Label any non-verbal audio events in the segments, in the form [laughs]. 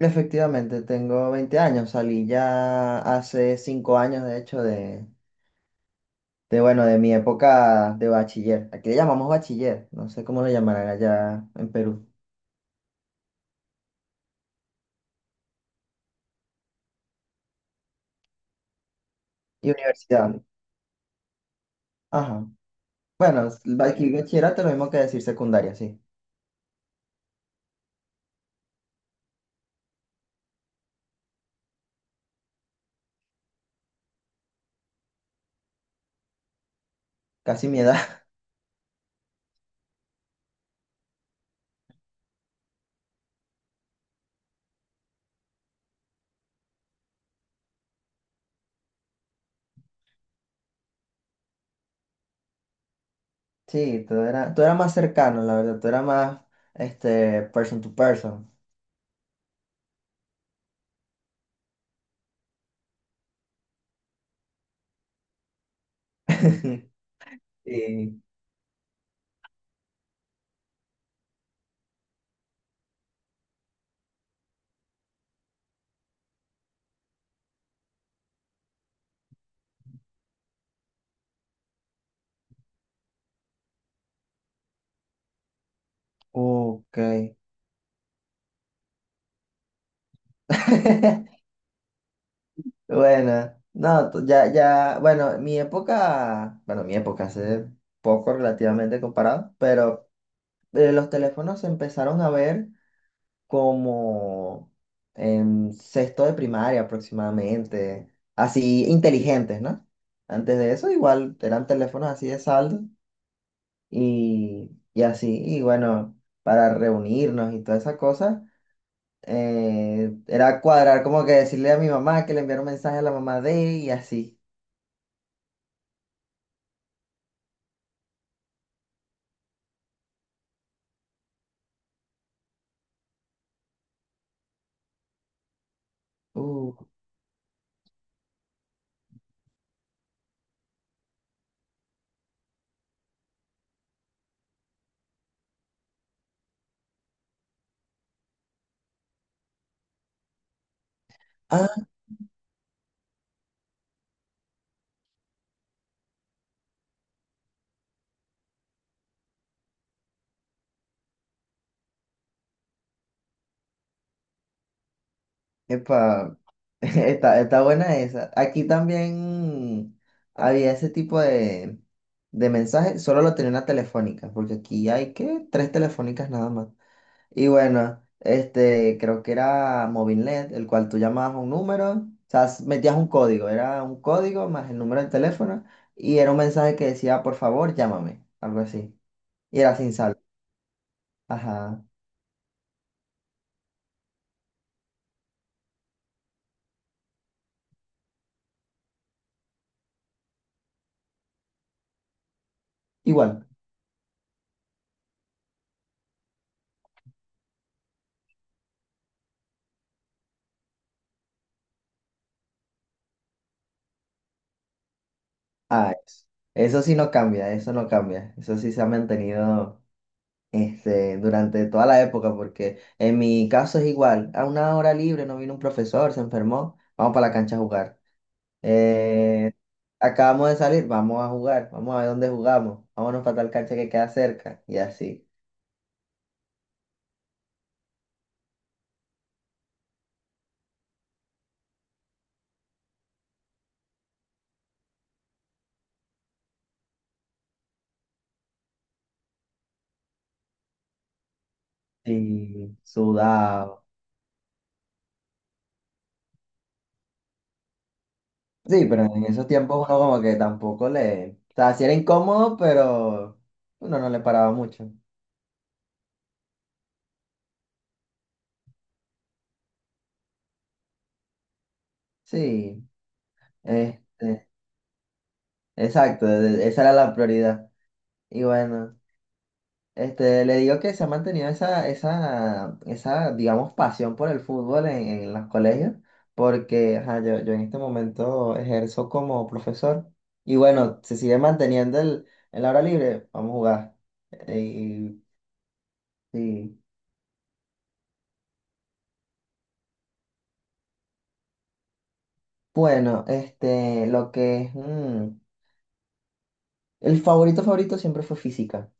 Efectivamente, tengo 20 años, salí ya hace 5 años, de hecho, de mi época de bachiller. Aquí le llamamos bachiller, no sé cómo lo llamarán allá en Perú. Y universidad. Ajá. Bueno, aquí bachillerato es lo mismo que decir secundaria, sí. Casi mi edad. [laughs] Sí, tú eras más cercano, la verdad, tú eras más person to person. [laughs] Sí. Ok. [laughs] Bueno, no, mi época hace poco relativamente comparado, pero los teléfonos se empezaron a ver como en sexto de primaria aproximadamente, así inteligentes, ¿no? Antes de eso igual eran teléfonos así de saldo y así, y bueno, para reunirnos y todas esas cosas era cuadrar como que decirle a mi mamá que le enviara un mensaje a la mamá de y así. Uh, ah, Epa, [laughs] está buena esa. Aquí también había ese tipo de mensajes, solo lo tenía una telefónica, porque aquí hay que tres telefónicas nada más. Y bueno, este, creo que era Movilnet, el cual tú llamabas a un número, o sea, metías un código, era un código más el número del teléfono, y era un mensaje que decía, por favor, llámame, algo así. Y era sin saldo. Ajá, igual. Ah, eso sí no cambia, eso no cambia. Eso sí se ha mantenido este, durante toda la época, porque en mi caso es igual. A una hora libre no vino un profesor, se enfermó, vamos para la cancha a jugar. Eh, acabamos de salir, vamos a jugar, vamos a ver dónde jugamos, vámonos para tal cancha que queda cerca, y así. Y sudado. Sí, pero en esos tiempos uno como que tampoco le... O sea, sí era incómodo, pero uno no le paraba mucho. Sí, este... exacto, esa era la prioridad. Y bueno, este, le digo que se ha mantenido esa, digamos, pasión por el fútbol en los colegios, porque ajá, yo en este momento ejerzo como profesor. Y bueno, se sigue manteniendo el hora libre, vamos a jugar. Eh, Y, y, bueno, este, lo que es, el favorito favorito siempre fue física.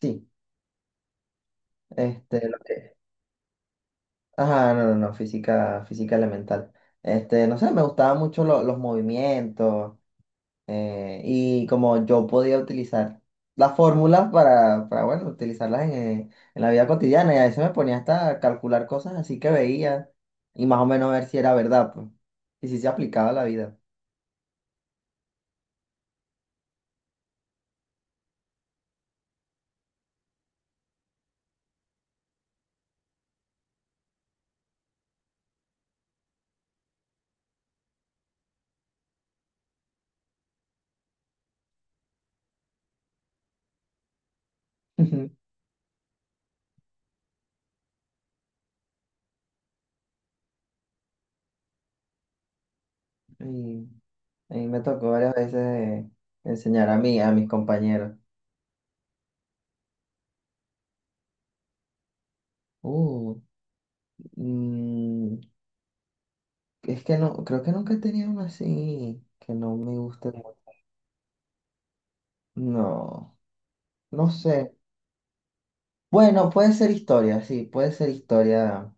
Sí, este, ajá, no, no, no, física, física elemental. Este, no sé, me gustaban mucho los movimientos y como yo podía utilizar las fórmulas para, bueno, utilizarlas en la vida cotidiana y a veces me ponía hasta a calcular cosas así que veía y más o menos ver si era verdad, pues, y si se aplicaba a la vida. [laughs] Y, y me tocó varias veces enseñar a mí, a mis compañeros. Uh, mm, Es que no, creo que nunca he tenido una así que no me guste mucho. No, no sé. Bueno, puede ser historia, sí, puede ser historia.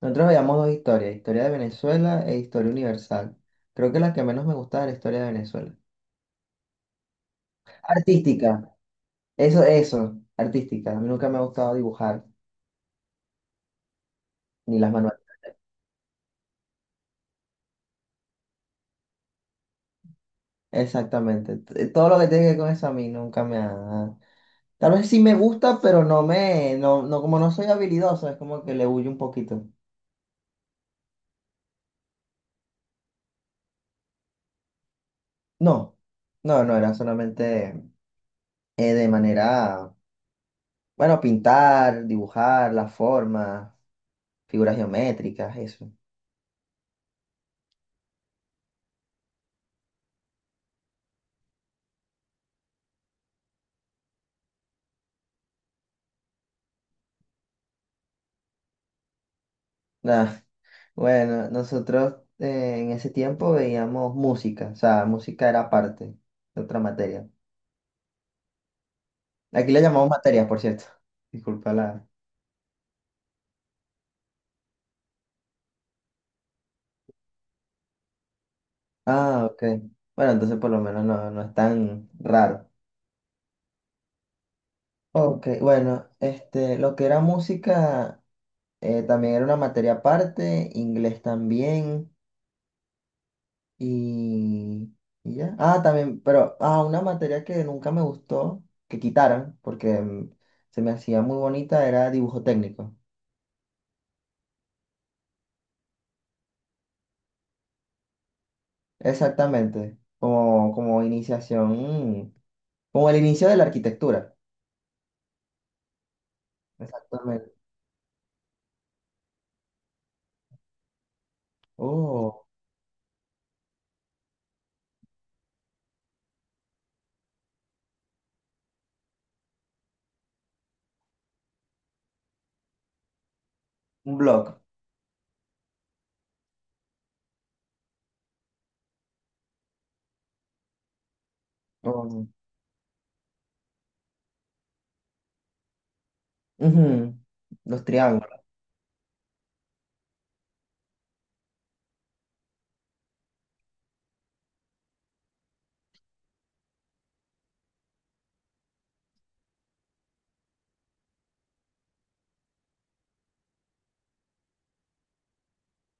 Nosotros veíamos dos historias, historia de Venezuela e historia universal. Creo que la que menos me gustaba era la historia de Venezuela. Artística, eso, artística. A mí nunca me ha gustado dibujar, ni las manuales. Exactamente. Todo lo que tiene que ver con eso a mí nunca me ha... Tal vez sí me gusta, pero no, como no soy habilidoso, es como que le huyo un poquito. No, no, no, era solamente de manera, bueno, pintar, dibujar, las formas, figuras geométricas, eso. Nah, bueno, nosotros en ese tiempo veíamos música, o sea, música era parte de otra materia. Aquí le llamamos materias, por cierto. Disculpa la... Ah, ok. Bueno, entonces por lo menos no, no es tan raro. Ok, bueno, este, lo que era música también era una materia aparte, inglés también. Y, y ya. Ah, también, pero una materia que nunca me gustó, que quitaran, porque se me hacía muy bonita, era dibujo técnico. Exactamente, como, como iniciación, como el inicio de la arquitectura. Exactamente. Oh, un blog. Oh, ujú, los triángulos.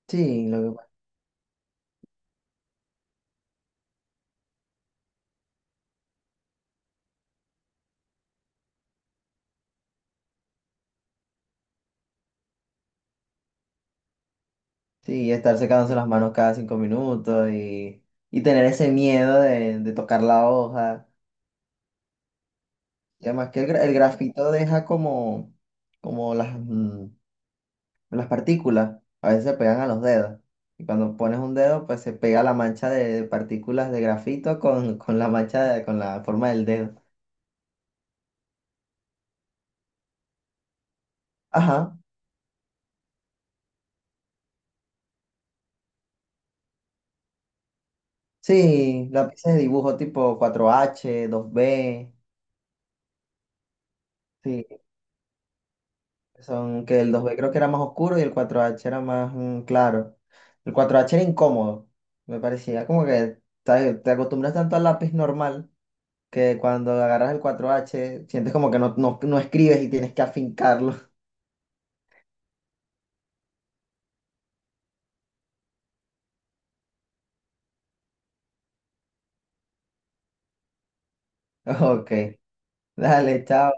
Sí, sí, estar secándose las manos cada 5 minutos y tener ese miedo de tocar la hoja. Y además que el, el grafito deja como, como las, las partículas, a veces se pegan a los dedos. Y cuando pones un dedo, pues se pega la mancha de partículas de grafito con la mancha, con la forma del dedo. Ajá, sí, lápices de dibujo tipo 4H 2B. Sí, son que el 2B creo que era más oscuro y el 4H era más claro. El cuatro h era incómodo, me parecía como que ¿sabes? Te acostumbras tanto al lápiz normal que cuando agarras el 4H sientes como que no escribes y tienes que afincarlo. [laughs] Ok, dale, chao.